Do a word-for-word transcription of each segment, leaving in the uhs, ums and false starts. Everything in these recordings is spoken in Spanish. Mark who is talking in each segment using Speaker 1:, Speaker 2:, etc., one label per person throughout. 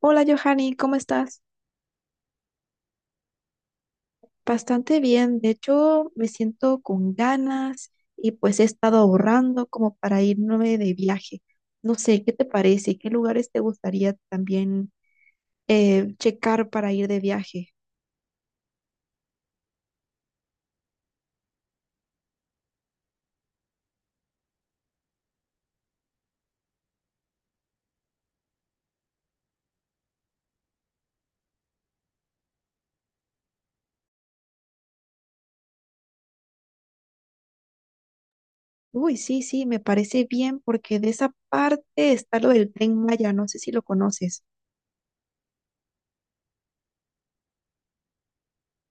Speaker 1: Hola Johanny, ¿cómo estás? Bastante bien, de hecho me siento con ganas y pues he estado ahorrando como para irme de viaje. No sé, ¿qué te parece? ¿Qué lugares te gustaría también eh, checar para ir de viaje? Uy, sí, sí, me parece bien porque de esa parte está lo del Tren Maya, no sé si lo conoces.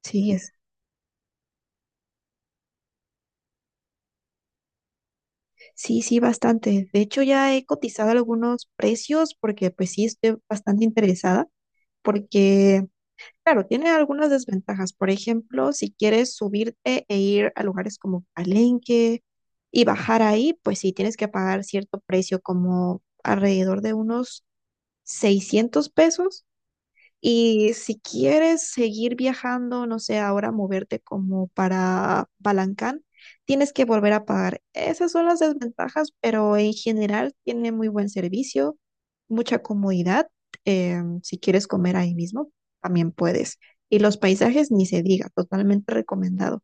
Speaker 1: Sí, es, sí, sí, bastante. De hecho ya he cotizado algunos precios porque pues sí, estoy bastante interesada porque Claro, tiene algunas desventajas. Por ejemplo, si quieres subirte e ir a lugares como Palenque y bajar ahí, pues sí tienes que pagar cierto precio, como alrededor de unos seiscientos pesos. Y si quieres seguir viajando, no sé, ahora moverte como para Balancán, tienes que volver a pagar. Esas son las desventajas, pero en general tiene muy buen servicio, mucha comodidad. Eh, si quieres comer ahí mismo, también puedes. Y los paisajes, ni se diga, totalmente recomendado.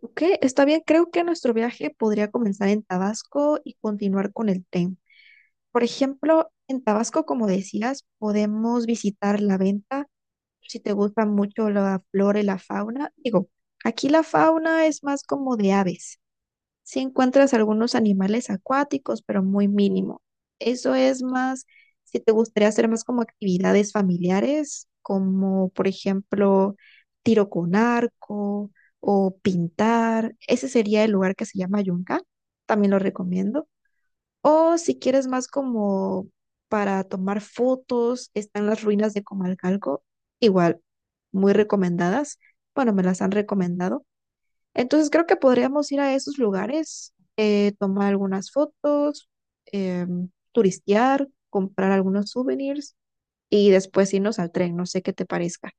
Speaker 1: Ok, está bien, creo que nuestro viaje podría comenzar en Tabasco y continuar con el tren. Por ejemplo, en Tabasco, como decías, podemos visitar la venta si te gusta mucho la flora y la fauna, digo, aquí la fauna es más como de aves. Si encuentras algunos animales acuáticos, pero muy mínimo. Eso es más, si te gustaría hacer más como actividades familiares, como por ejemplo tiro con arco o pintar, ese sería el lugar que se llama Yunga, también lo recomiendo. O si quieres más como para tomar fotos, están las ruinas de Comalcalco, igual, muy recomendadas. Bueno, me las han recomendado. Entonces creo que podríamos ir a esos lugares, eh, tomar algunas fotos, em, turistear, comprar algunos souvenirs y después irnos al tren. No sé qué te parezca.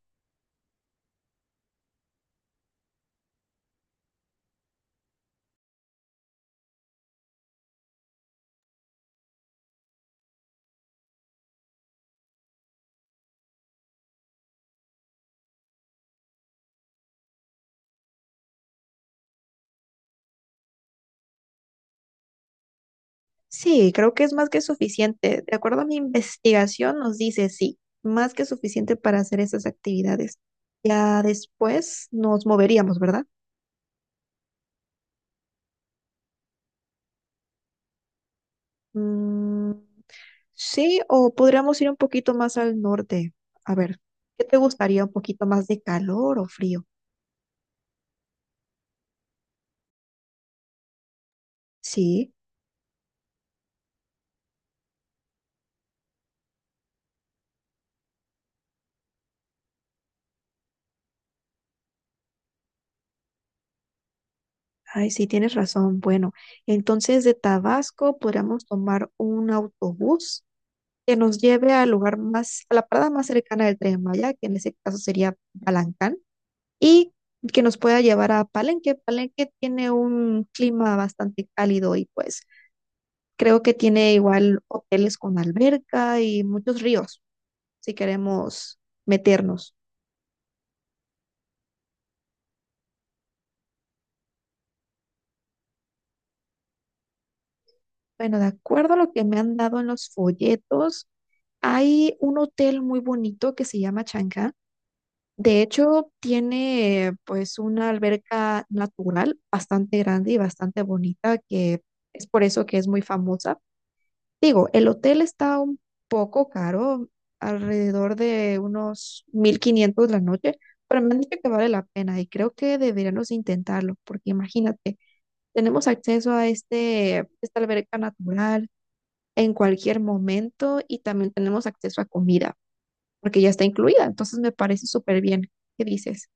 Speaker 1: Sí, creo que es más que suficiente. De acuerdo a mi investigación, nos dice sí, más que suficiente para hacer esas actividades. Ya después nos moveríamos, ¿verdad? Mm, sí, o podríamos ir un poquito más al norte. A ver, ¿qué te gustaría? ¿Un poquito más de calor o frío? Sí, ay, sí, tienes razón. Bueno, entonces de Tabasco podríamos tomar un autobús que nos lleve al lugar más, a la parada más cercana del Tren Maya, que en ese caso sería Balancán. Y que nos pueda llevar a Palenque. Palenque tiene un clima bastante cálido y pues creo que tiene igual hoteles con alberca y muchos ríos si queremos meternos. Bueno, de acuerdo a lo que me han dado en los folletos, hay un hotel muy bonito que se llama Chang'an. De hecho, tiene pues una alberca natural bastante grande y bastante bonita que es por eso que es muy famosa. Digo, el hotel está un poco caro, alrededor de unos mil quinientos la noche, pero me han dicho que vale la pena y creo que deberíamos intentarlo, porque imagínate, tenemos acceso a este, esta alberca natural en cualquier momento y también tenemos acceso a comida, porque ya está incluida, entonces me parece súper bien. ¿Qué dices?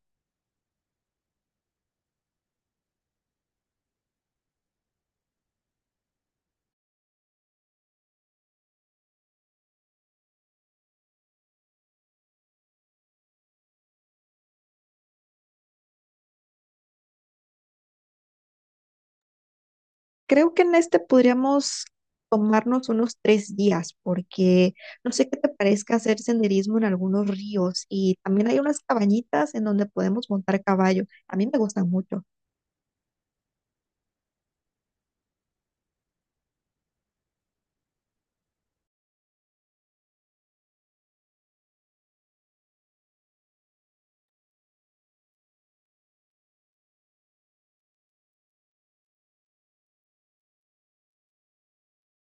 Speaker 1: Creo que en este podríamos tomarnos unos tres días, porque no sé qué te parezca hacer senderismo en algunos ríos y también hay unas cabañitas en donde podemos montar caballo. A mí me gustan mucho.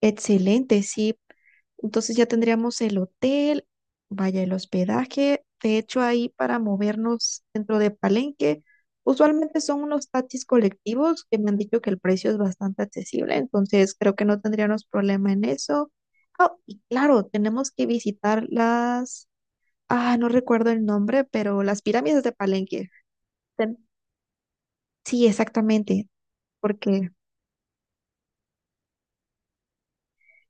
Speaker 1: Excelente, sí. Entonces ya tendríamos el hotel, vaya el hospedaje. De hecho, ahí para movernos dentro de Palenque, usualmente son unos taxis colectivos que me han dicho que el precio es bastante accesible, entonces creo que no tendríamos problema en eso. Ah, y claro, tenemos que visitar las, ah, no recuerdo el nombre, pero las pirámides de Palenque. Ten- Sí, exactamente, porque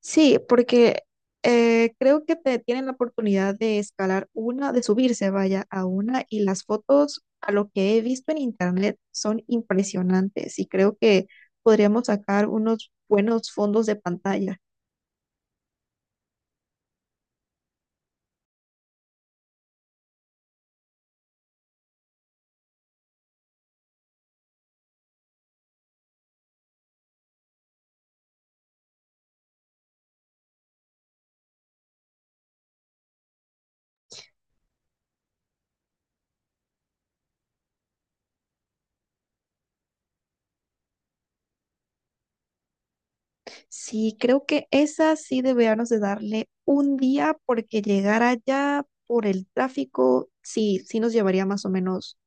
Speaker 1: Sí, porque eh, creo que te tienen la oportunidad de escalar una, de subirse, vaya, a una, y las fotos, a lo que he visto en internet, son impresionantes y creo que podríamos sacar unos buenos fondos de pantalla. Sí, creo que esa sí deberíamos de darle un día porque llegar allá por el tráfico, sí, sí nos llevaría más o menos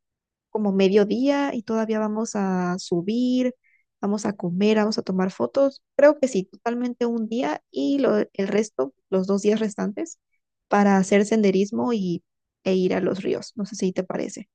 Speaker 1: como mediodía y todavía vamos a subir, vamos a comer, vamos a tomar fotos. Creo que sí, totalmente un día y lo- el resto, los dos días restantes, para hacer senderismo y, e ir a los ríos. No sé si te parece.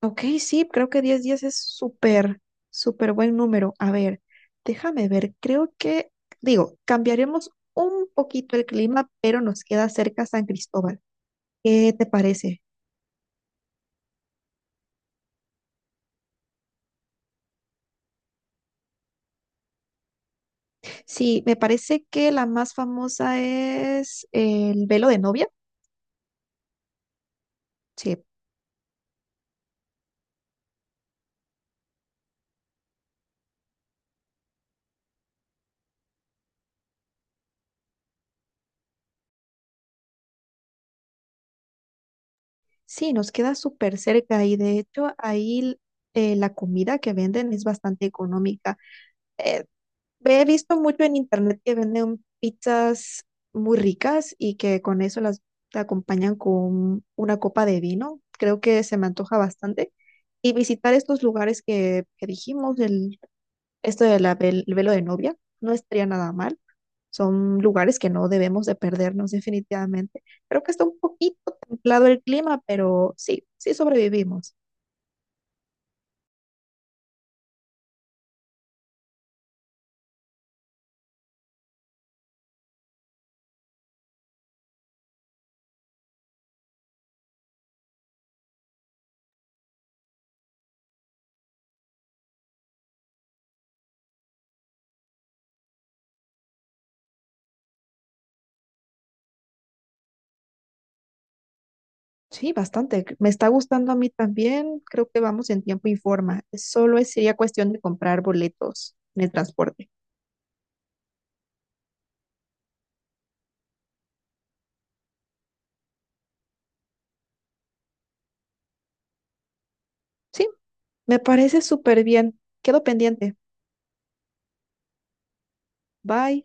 Speaker 1: Ok, sí, creo que diez días es súper, súper buen número. A ver, déjame ver, creo que, digo, cambiaremos un poquito el clima, pero nos queda cerca San Cristóbal. ¿Qué te parece? Sí, me parece que la más famosa es el velo de novia. Sí, sí, nos queda súper cerca y de hecho ahí eh, la comida que venden es bastante económica. Eh, He visto mucho en internet que venden pizzas muy ricas y que con eso las te acompañan con una copa de vino. Creo que se me antoja bastante. Y visitar estos lugares que, que dijimos, el, esto del velo de novia, no estaría nada mal. Son lugares que no debemos de perdernos definitivamente. Creo que está un poquito templado el clima, pero sí, sí sobrevivimos. Sí, bastante. Me está gustando a mí también. Creo que vamos en tiempo y forma. Solo es- sería cuestión de comprar boletos en el transporte. Sí, me parece súper bien. Quedo pendiente. Bye.